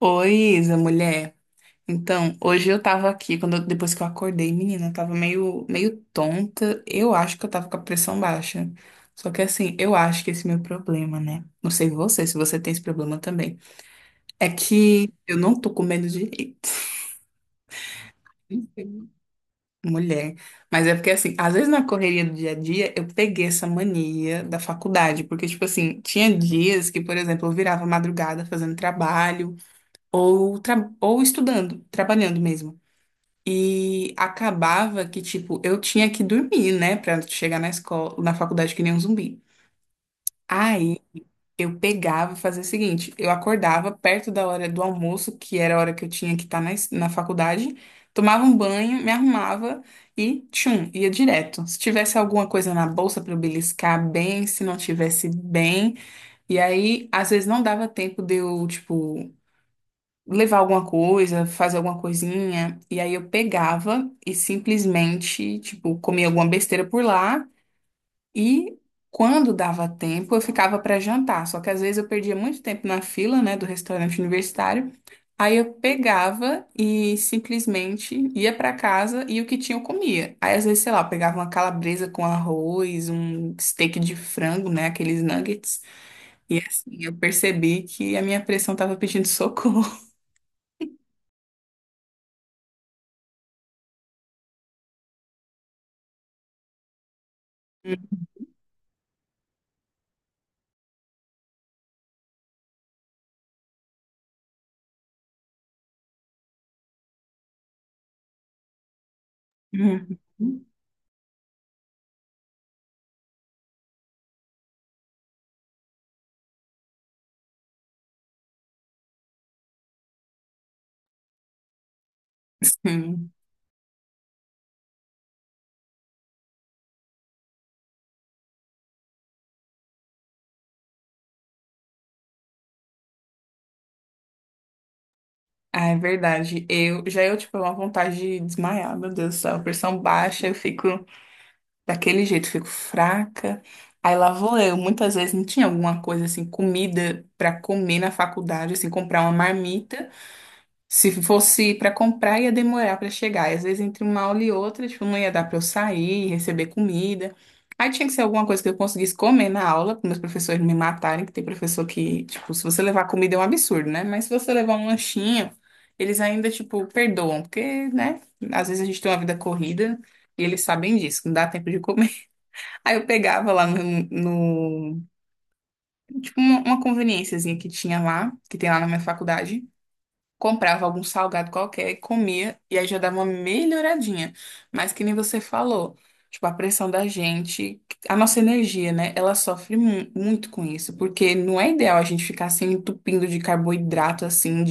Oi, Isa, mulher. Então, hoje eu tava aqui, depois que eu acordei, menina, eu tava meio tonta. Eu acho que eu tava com a pressão baixa. Só que assim, eu acho que esse é meu problema, né? Não sei você, se você tem esse problema também. É que eu não tô comendo direito. Mulher. Mas é porque, assim, às vezes na correria do dia a dia, eu peguei essa mania da faculdade. Porque, tipo assim, tinha dias que, por exemplo, eu virava madrugada fazendo trabalho ou, ou estudando, trabalhando mesmo. E acabava que, tipo, eu tinha que dormir, né, pra chegar na escola, na faculdade que nem um zumbi. Aí eu pegava e fazia o seguinte: eu acordava perto da hora do almoço, que era a hora que eu tinha que estar na, na faculdade, tomava um banho, me arrumava e tchum, ia direto. Se tivesse alguma coisa na bolsa pra eu beliscar, bem, se não tivesse bem. E aí, às vezes não dava tempo de eu, tipo, levar alguma coisa, fazer alguma coisinha. E aí eu pegava e simplesmente, tipo, comia alguma besteira por lá. E quando dava tempo, eu ficava para jantar. Só que às vezes eu perdia muito tempo na fila, né, do restaurante universitário. Aí eu pegava e simplesmente ia para casa e o que tinha eu comia. Aí às vezes, sei lá, eu pegava uma calabresa com arroz, um steak de frango, né, aqueles nuggets. E assim, eu percebi que a minha pressão tava pedindo socorro. Uhum. Sim. Ah, é verdade. Eu já eu tive uma vontade de desmaiar, meu Deus do céu. Pressão baixa, eu fico daquele jeito, fico fraca. Aí lá vou eu. Muitas vezes não tinha alguma coisa assim, comida pra comer na faculdade, assim, comprar uma marmita. Se fosse para comprar, ia demorar para chegar. E às vezes, entre uma aula e outra, tipo, não ia dar para eu sair, receber comida. Aí tinha que ser alguma coisa que eu conseguisse comer na aula, para meus professores não me matarem, que tem professor que, tipo, se você levar comida é um absurdo, né? Mas se você levar um lanchinho, eles ainda, tipo, perdoam, porque, né? Às vezes a gente tem uma vida corrida e eles sabem disso, que não dá tempo de comer. Aí eu pegava lá no, no- tipo, uma conveniênciazinha que tinha lá, que tem lá na minha faculdade, comprava algum salgado qualquer e comia, e aí já dava uma melhoradinha. Mas que nem você falou, tipo, a pressão da gente, a nossa energia, né? Ela sofre muito com isso, porque não é ideal a gente ficar se entupindo de carboidrato, assim,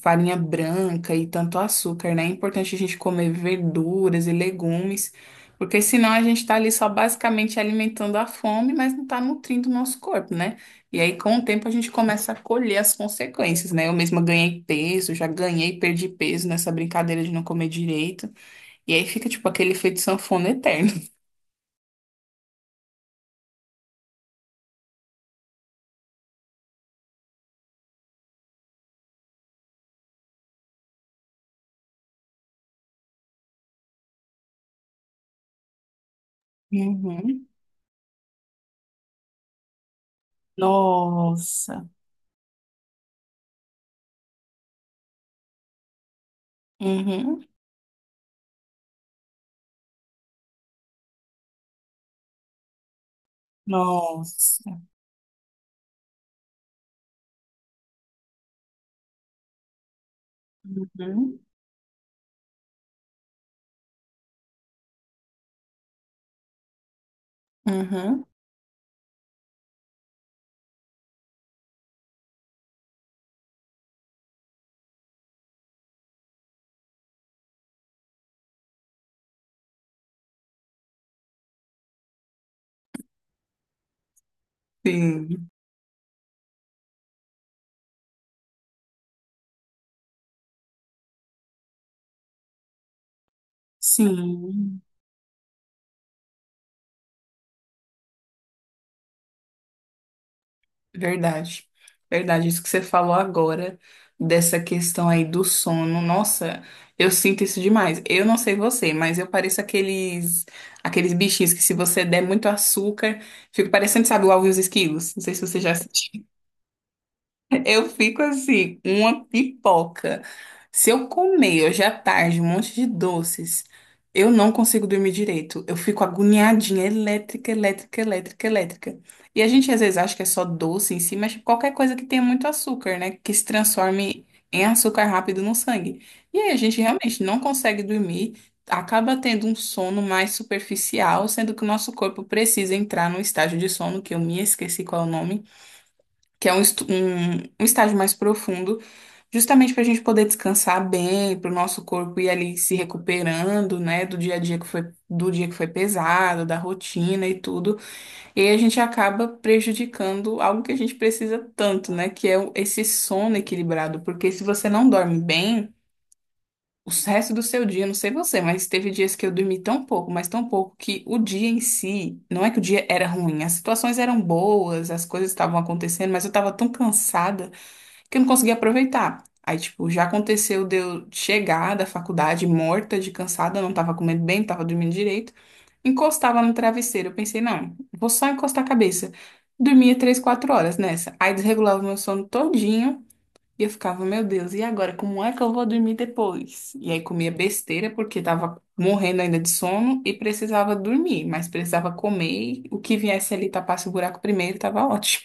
farinha branca e tanto açúcar, né? É importante a gente comer verduras e legumes, porque senão a gente tá ali só basicamente alimentando a fome, mas não tá nutrindo o nosso corpo, né? E aí, com o tempo, a gente começa a colher as consequências, né? Eu mesma ganhei peso, já ganhei e perdi peso nessa brincadeira de não comer direito. E aí fica, tipo, aquele efeito sanfona eterno. Uhum. Nossa. Uhum. Nossa. Uhum. Uhum. Sim. Sim. Verdade, verdade. Isso que você falou agora, dessa questão aí do sono, nossa, eu sinto isso demais. Eu não sei você, mas eu pareço aqueles, aqueles bichinhos que se você der muito açúcar, fica parecendo, sabe, o Alvin e os Esquilos. Não sei se você já assistiu. Eu fico assim, uma pipoca. Se eu comer hoje à tarde um monte de doces, eu não consigo dormir direito. Eu fico agoniadinha, elétrica, elétrica, elétrica, elétrica. E a gente às vezes acha que é só doce em si, mas qualquer coisa que tenha muito açúcar, né? Que se transforme em açúcar rápido no sangue. E aí a gente realmente não consegue dormir, acaba tendo um sono mais superficial, sendo que o nosso corpo precisa entrar num estágio de sono, que eu me esqueci qual é o nome, que é um estágio mais profundo, justamente para a gente poder descansar bem, para o nosso corpo ir ali se recuperando, né, do dia a dia que foi, do dia que foi pesado, da rotina e tudo. E aí a gente acaba prejudicando algo que a gente precisa tanto, né, esse sono equilibrado, porque se você não dorme bem, o resto do seu dia, não sei você, mas teve dias que eu dormi tão pouco, mas tão pouco, que o dia em si, não é que o dia era ruim, as situações eram boas, as coisas estavam acontecendo, mas eu estava tão cansada que eu não consegui aproveitar. Aí, tipo, já aconteceu de eu chegar da faculdade morta, de cansada, não tava comendo bem, não tava dormindo direito, encostava no travesseiro. Eu pensei, não, vou só encostar a cabeça. Dormia três, quatro horas nessa. Aí desregulava o meu sono todinho e eu ficava, meu Deus, e agora? Como é que eu vou dormir depois? E aí comia besteira porque tava morrendo ainda de sono e precisava dormir, mas precisava comer. O que viesse ali tapasse o buraco primeiro, tava ótimo.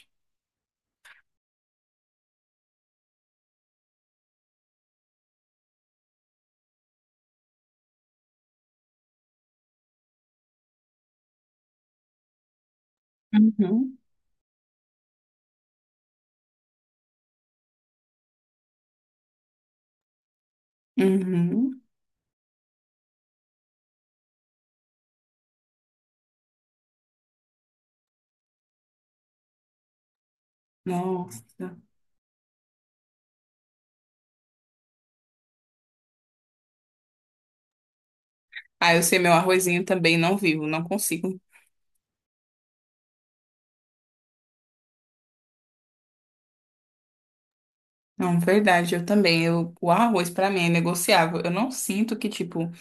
Uhum. Uhum. Nossa. Ah, eu sei, meu arrozinho também não vivo, não consigo. Não, verdade, eu também. Eu, o arroz pra mim é negociável. Eu não sinto que, tipo,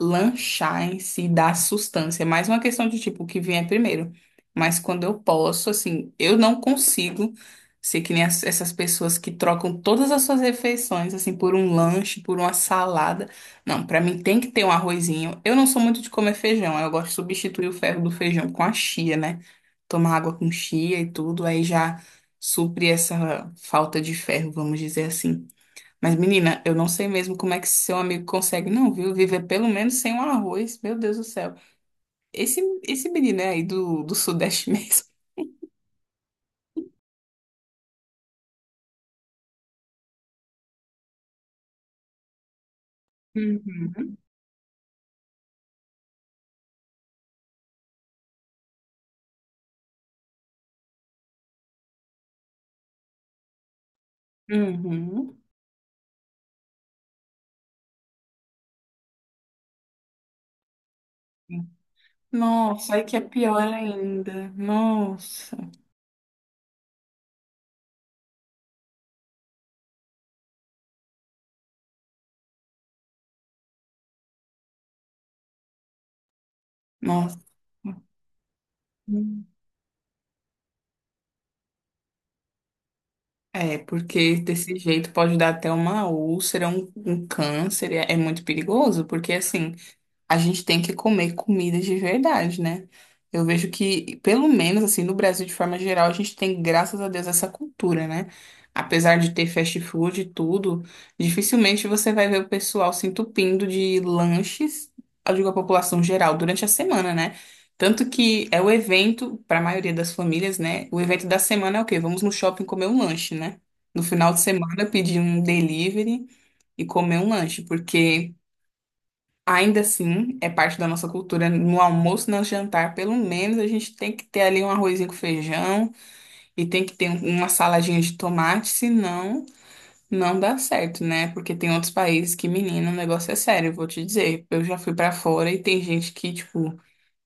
lanchar em si dá sustância. É mais uma questão de tipo, o que vier primeiro. Mas quando eu posso, assim, eu não consigo ser que nem essas pessoas que trocam todas as suas refeições, assim, por um lanche, por uma salada. Não, pra mim tem que ter um arrozinho. Eu não sou muito de comer feijão, eu gosto de substituir o ferro do feijão com a chia, né? Tomar água com chia e tudo, aí já supre essa falta de ferro, vamos dizer assim. Mas, menina, eu não sei mesmo como é que seu amigo consegue, não, viu? Viver pelo menos sem um arroz. Meu Deus do céu. Esse, esse menino é aí do Sudeste mesmo. Uhum. Uhum. Nossa, aí que é pior ainda. Nossa, nossa. É, porque desse jeito pode dar até uma úlcera, um câncer, é, é muito perigoso, porque assim, a gente tem que comer comidas de verdade, né? Eu vejo que, pelo menos assim, no Brasil de forma geral, a gente tem, graças a Deus, essa cultura, né? Apesar de ter fast food e tudo, dificilmente você vai ver o pessoal se entupindo de lanches, eu digo a população geral, durante a semana, né? Tanto que é o evento, para a maioria das famílias, né? O evento da semana é o quê? Vamos no shopping comer um lanche, né? No final de semana, pedir um delivery e comer um lanche, porque. Ainda assim, é parte da nossa cultura. No almoço, no jantar, pelo menos a gente tem que ter ali um arrozinho com feijão e tem que ter uma saladinha de tomate, senão não dá certo, né? Porque tem outros países que, menina, o negócio é sério, eu vou te dizer. Eu já fui pra fora e tem gente que, tipo,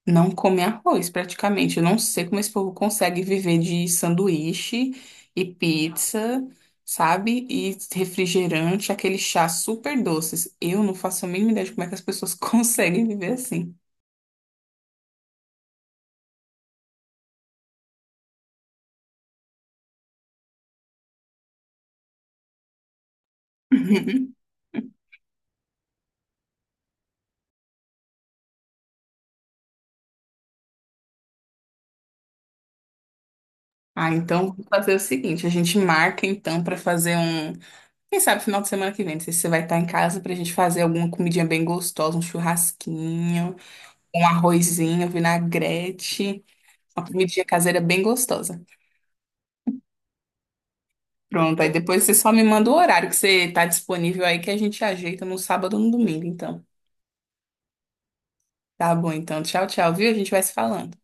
não come arroz, praticamente. Eu não sei como esse povo consegue viver de sanduíche e pizza, sabe? E refrigerante, aquele chá super doces. Eu não faço a mínima ideia de como é que as pessoas conseguem viver assim. Ah, então vou fazer o seguinte, a gente marca então pra fazer um, quem sabe final de semana que vem, não sei se você vai estar em casa pra gente fazer alguma comidinha bem gostosa, um churrasquinho, um arrozinho, vinagrete, uma comidinha caseira bem gostosa. Pronto, aí depois você só me manda o horário que você tá disponível aí que a gente ajeita no sábado ou no domingo, então. Tá bom, então. Tchau, tchau, viu? A gente vai se falando.